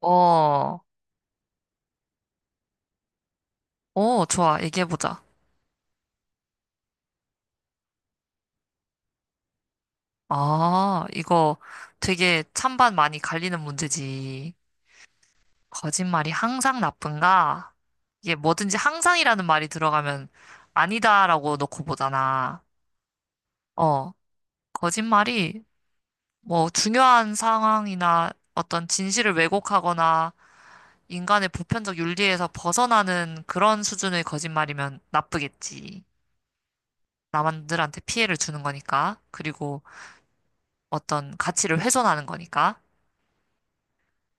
어, 어, 좋아. 얘기해보자. 아, 이거 되게 찬반 많이 갈리는 문제지. 거짓말이 항상 나쁜가? 이게 뭐든지 항상이라는 말이 들어가면 아니다라고 놓고 보잖아. 어, 거짓말이 뭐 중요한 상황이나 어떤 진실을 왜곡하거나 인간의 보편적 윤리에서 벗어나는 그런 수준의 거짓말이면 나쁘겠지. 남들한테 피해를 주는 거니까. 그리고 어떤 가치를 훼손하는 거니까.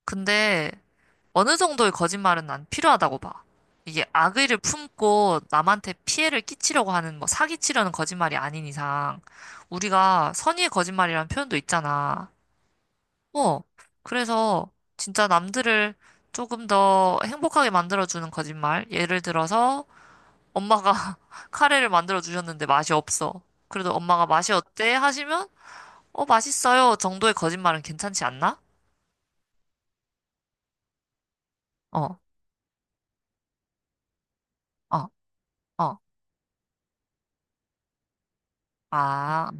근데 어느 정도의 거짓말은 난 필요하다고 봐. 이게 악의를 품고 남한테 피해를 끼치려고 하는 뭐 사기치려는 거짓말이 아닌 이상 우리가 선의의 거짓말이라는 표현도 있잖아. 어, 그래서 진짜 남들을 조금 더 행복하게 만들어주는 거짓말. 예를 들어서 엄마가 카레를 만들어 주셨는데 맛이 없어. 그래도 엄마가 맛이 어때? 하시면 어, 맛있어요 정도의 거짓말은 괜찮지 않나? 어. 어. 어, 아,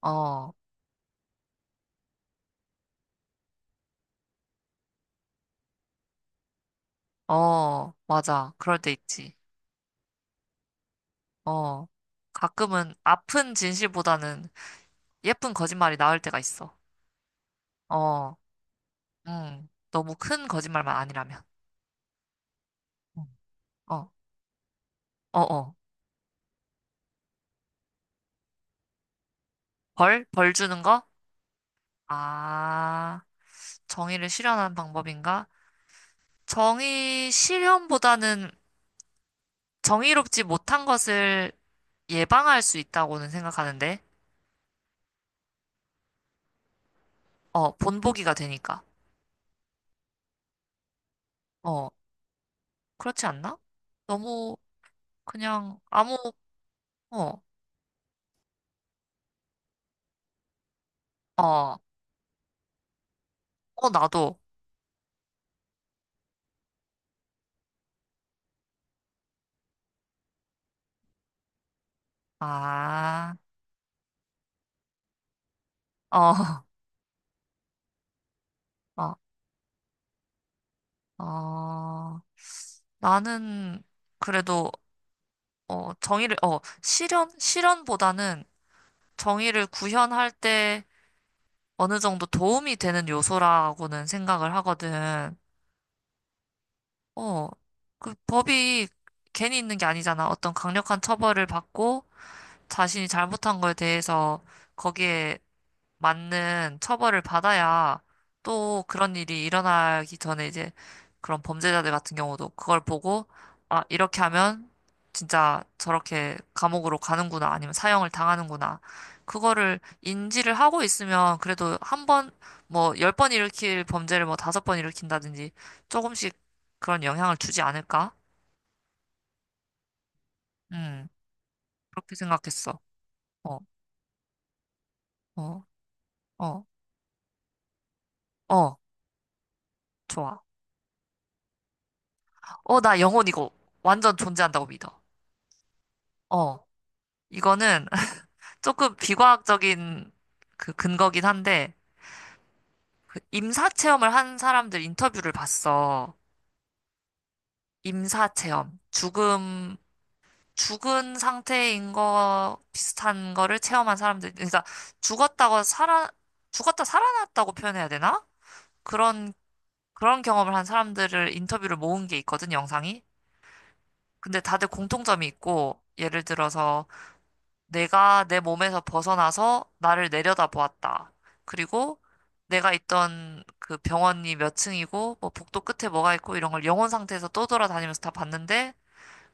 어, 어, 맞아. 그럴 때 있지. 어, 가끔은 아픈 진실보다는 예쁜 거짓말이 나을 때가 있어. 어, 응. 너무 큰 거짓말만 아니라면. 응. 어, 어, 어. 벌? 벌 주는 거? 아, 정의를 실현하는 방법인가? 정의 실현보다는 정의롭지 못한 것을 예방할 수 있다고는 생각하는데, 어, 본보기가 되니까. 어, 그렇지 않나? 너무 그냥 아무, 어, 어, 어, 나도. 아, 어, 어, 어. 나는 그래도, 어, 정의를, 어, 실현보다는 정의를 구현할 때 어느 정도 도움이 되는 요소라고는 생각을 하거든. 어, 그 법이 괜히 있는 게 아니잖아. 어떤 강력한 처벌을 받고 자신이 잘못한 거에 대해서 거기에 맞는 처벌을 받아야 또 그런 일이 일어나기 전에 이제 그런 범죄자들 같은 경우도 그걸 보고 아, 이렇게 하면 진짜 저렇게 감옥으로 가는구나 아니면 사형을 당하는구나. 그거를 인지를 하고 있으면 그래도 한 번, 뭐, 10번 일으킬 범죄를 뭐 다섯 번 일으킨다든지 조금씩 그런 영향을 주지 않을까? 음, 그렇게 생각했어. 어, 어, 어, 어, 좋아. 어, 나 영혼 이거 완전 존재한다고 믿어. 어. 이거는 조금 비과학적인 그 근거긴 한데, 그 임사 체험을 한 사람들 인터뷰를 봤어. 임사 체험. 죽은 상태인 거 비슷한 거를 체험한 사람들. 그러니까 죽었다고 살아, 죽었다 살아났다고 표현해야 되나? 그런, 그런 경험을 한 사람들을 인터뷰를 모은 게 있거든, 영상이. 근데 다들 공통점이 있고, 예를 들어서 내가 내 몸에서 벗어나서 나를 내려다보았다. 그리고 내가 있던 그 병원이 몇 층이고 뭐 복도 끝에 뭐가 있고 이런 걸 영혼 상태에서 떠돌아다니면서 다 봤는데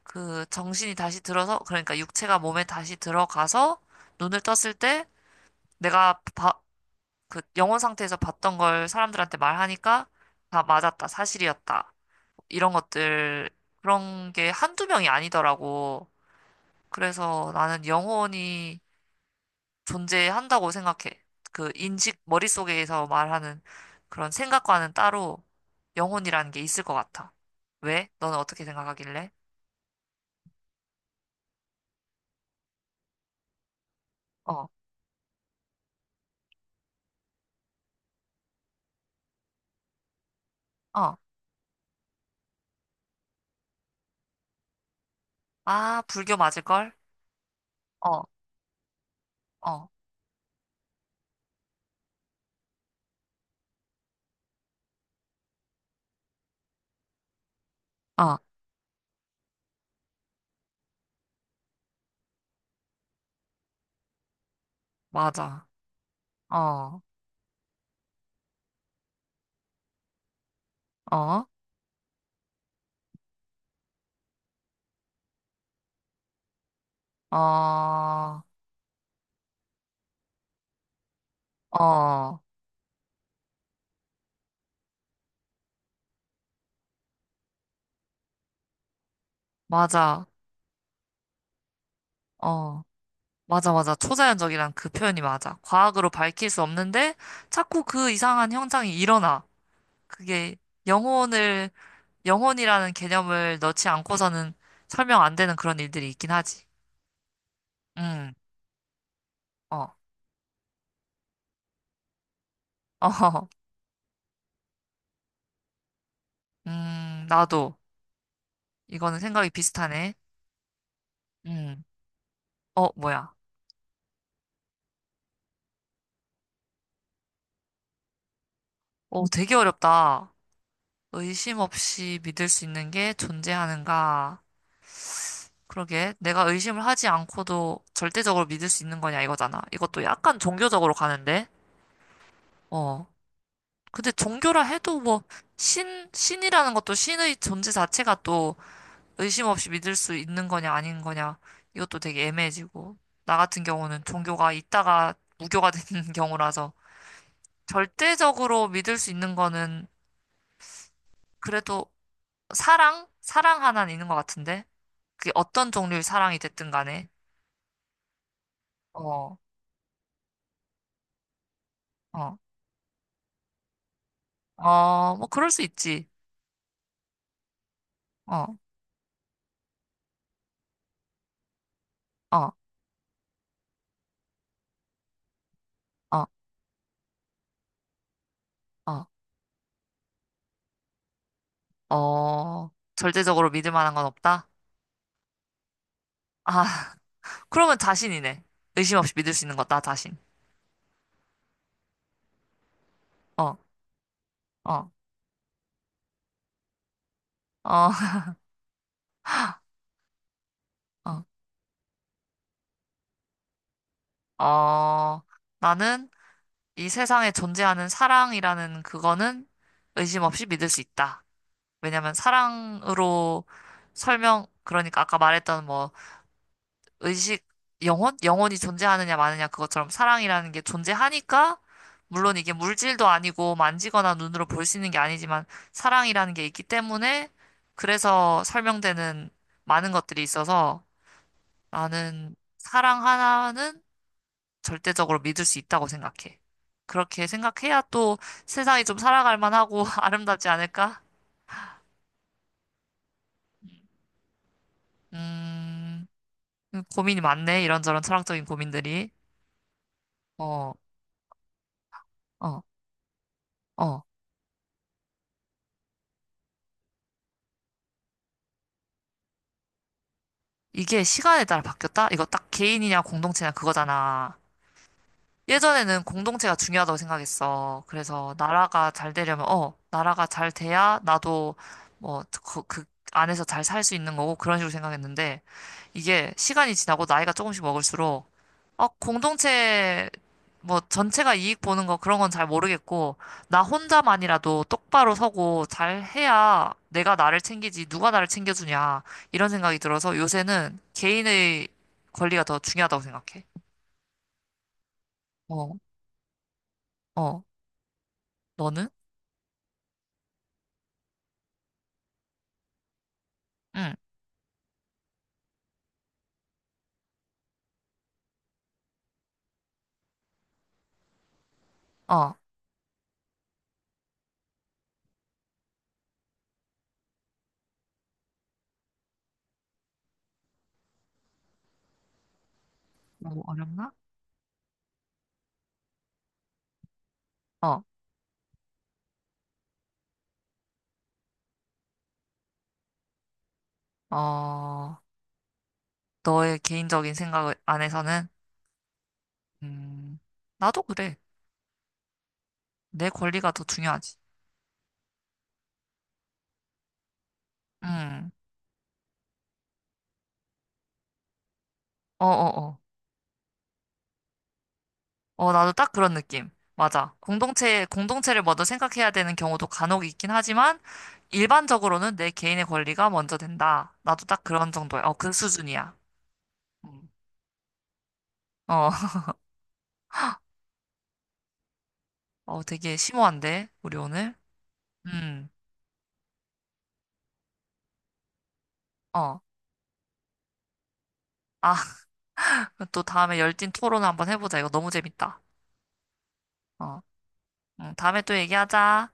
그 정신이 다시 들어서 그러니까 육체가 몸에 다시 들어가서 눈을 떴을 때 내가 봐- 그 영혼 상태에서 봤던 걸 사람들한테 말하니까 다 맞았다. 사실이었다. 이런 것들 그런 게 한두 명이 아니더라고. 그래서 나는 영혼이 존재한다고 생각해. 그 인식, 머릿속에서 말하는 그런 생각과는 따로 영혼이라는 게 있을 것 같아. 왜? 너는 어떻게 생각하길래? 어, 어. 아, 불교 맞을걸? 어, 어, 어. 맞아. 어, 어, 어, 어. 맞아. 어. 맞아, 맞아. 초자연적이란 그 표현이 맞아. 과학으로 밝힐 수 없는데 자꾸 그 이상한 현상이 일어나. 그게 영혼을 영혼이라는 개념을 넣지 않고서는 설명 안 되는 그런 일들이 있긴 하지. 음, 어, 어, 나도. 이거는 생각이 비슷하네. 음, 어, 뭐야. 오, 되게 어렵다. 의심 없이 믿을 수 있는 게 존재하는가. 그러게. 내가 의심을 하지 않고도 절대적으로 믿을 수 있는 거냐, 이거잖아. 이것도 약간 종교적으로 가는데. 어. 근데 종교라 해도 뭐, 신이라는 것도 신의 존재 자체가 또 의심 없이 믿을 수 있는 거냐 아닌 거냐 이것도 되게 애매해지고 나 같은 경우는 종교가 있다가 무교가 되는 경우라서 절대적으로 믿을 수 있는 거는 그래도 사랑 하나는 있는 것 같은데 그게 어떤 종류의 사랑이 됐든 간에 어, 어, 어, 뭐 그럴 수 있지 어, 어, 어, 어, 어 절대적으로 믿을 만한 건 없다? 아, 그러면 자신이네. 의심 없이 믿을 수 있는 것 나 자신. 어, 어, 어, 어. 어, 나는 이 세상에 존재하는 사랑이라는 그거는 의심 없이 믿을 수 있다. 왜냐면 사랑으로 설명, 그러니까 아까 말했던 뭐 의식, 영혼이 존재하느냐 마느냐 그것처럼 사랑이라는 게 존재하니까 물론 이게 물질도 아니고 만지거나 눈으로 볼 수 있는 게 아니지만 사랑이라는 게 있기 때문에 그래서 설명되는 많은 것들이 있어서 나는 사랑 하나는 절대적으로 믿을 수 있다고 생각해. 그렇게 생각해야 또 세상이 좀 살아갈 만하고 아름답지 않을까? 음, 고민이 많네. 이런저런 철학적인 고민들이. 어, 어, 어. 이게 시간에 따라 바뀌었다? 이거 딱 개인이냐 공동체냐 그거잖아. 예전에는 공동체가 중요하다고 생각했어. 그래서 나라가 잘 되려면, 어, 나라가 잘 돼야 나도 뭐, 그 안에서 잘 살 수 있는 거고, 그런 식으로 생각했는데, 이게 시간이 지나고 나이가 조금씩 먹을수록, 어, 공동체, 뭐, 전체가 이익 보는 거 그런 건 잘 모르겠고, 나 혼자만이라도 똑바로 서고 잘 해야 내가 나를 챙기지, 누가 나를 챙겨주냐, 이런 생각이 들어서 요새는 개인의 권리가 더 중요하다고 생각해. 어, 어, 너는? 응, 어, 너무 어렵나? 어, 어, 너의 개인적인 생각 안에서는, 음, 나도 그래. 내 권리가 더 중요하지. 응, 어, 어, 어. 어, 나도 딱 그런 느낌. 맞아. 공동체를 먼저 생각해야 되는 경우도 간혹 있긴 하지만, 일반적으로는 내 개인의 권리가 먼저 된다. 나도 딱 그런 정도야. 어, 그 수준이야. 음. 어, 어, 되게 심오한데, 우리 오늘? 음, 어. 아, 또 다음에 열띤 토론 한번 해보자. 이거 너무 재밌다. 어. 응, 다음에 또 얘기하자.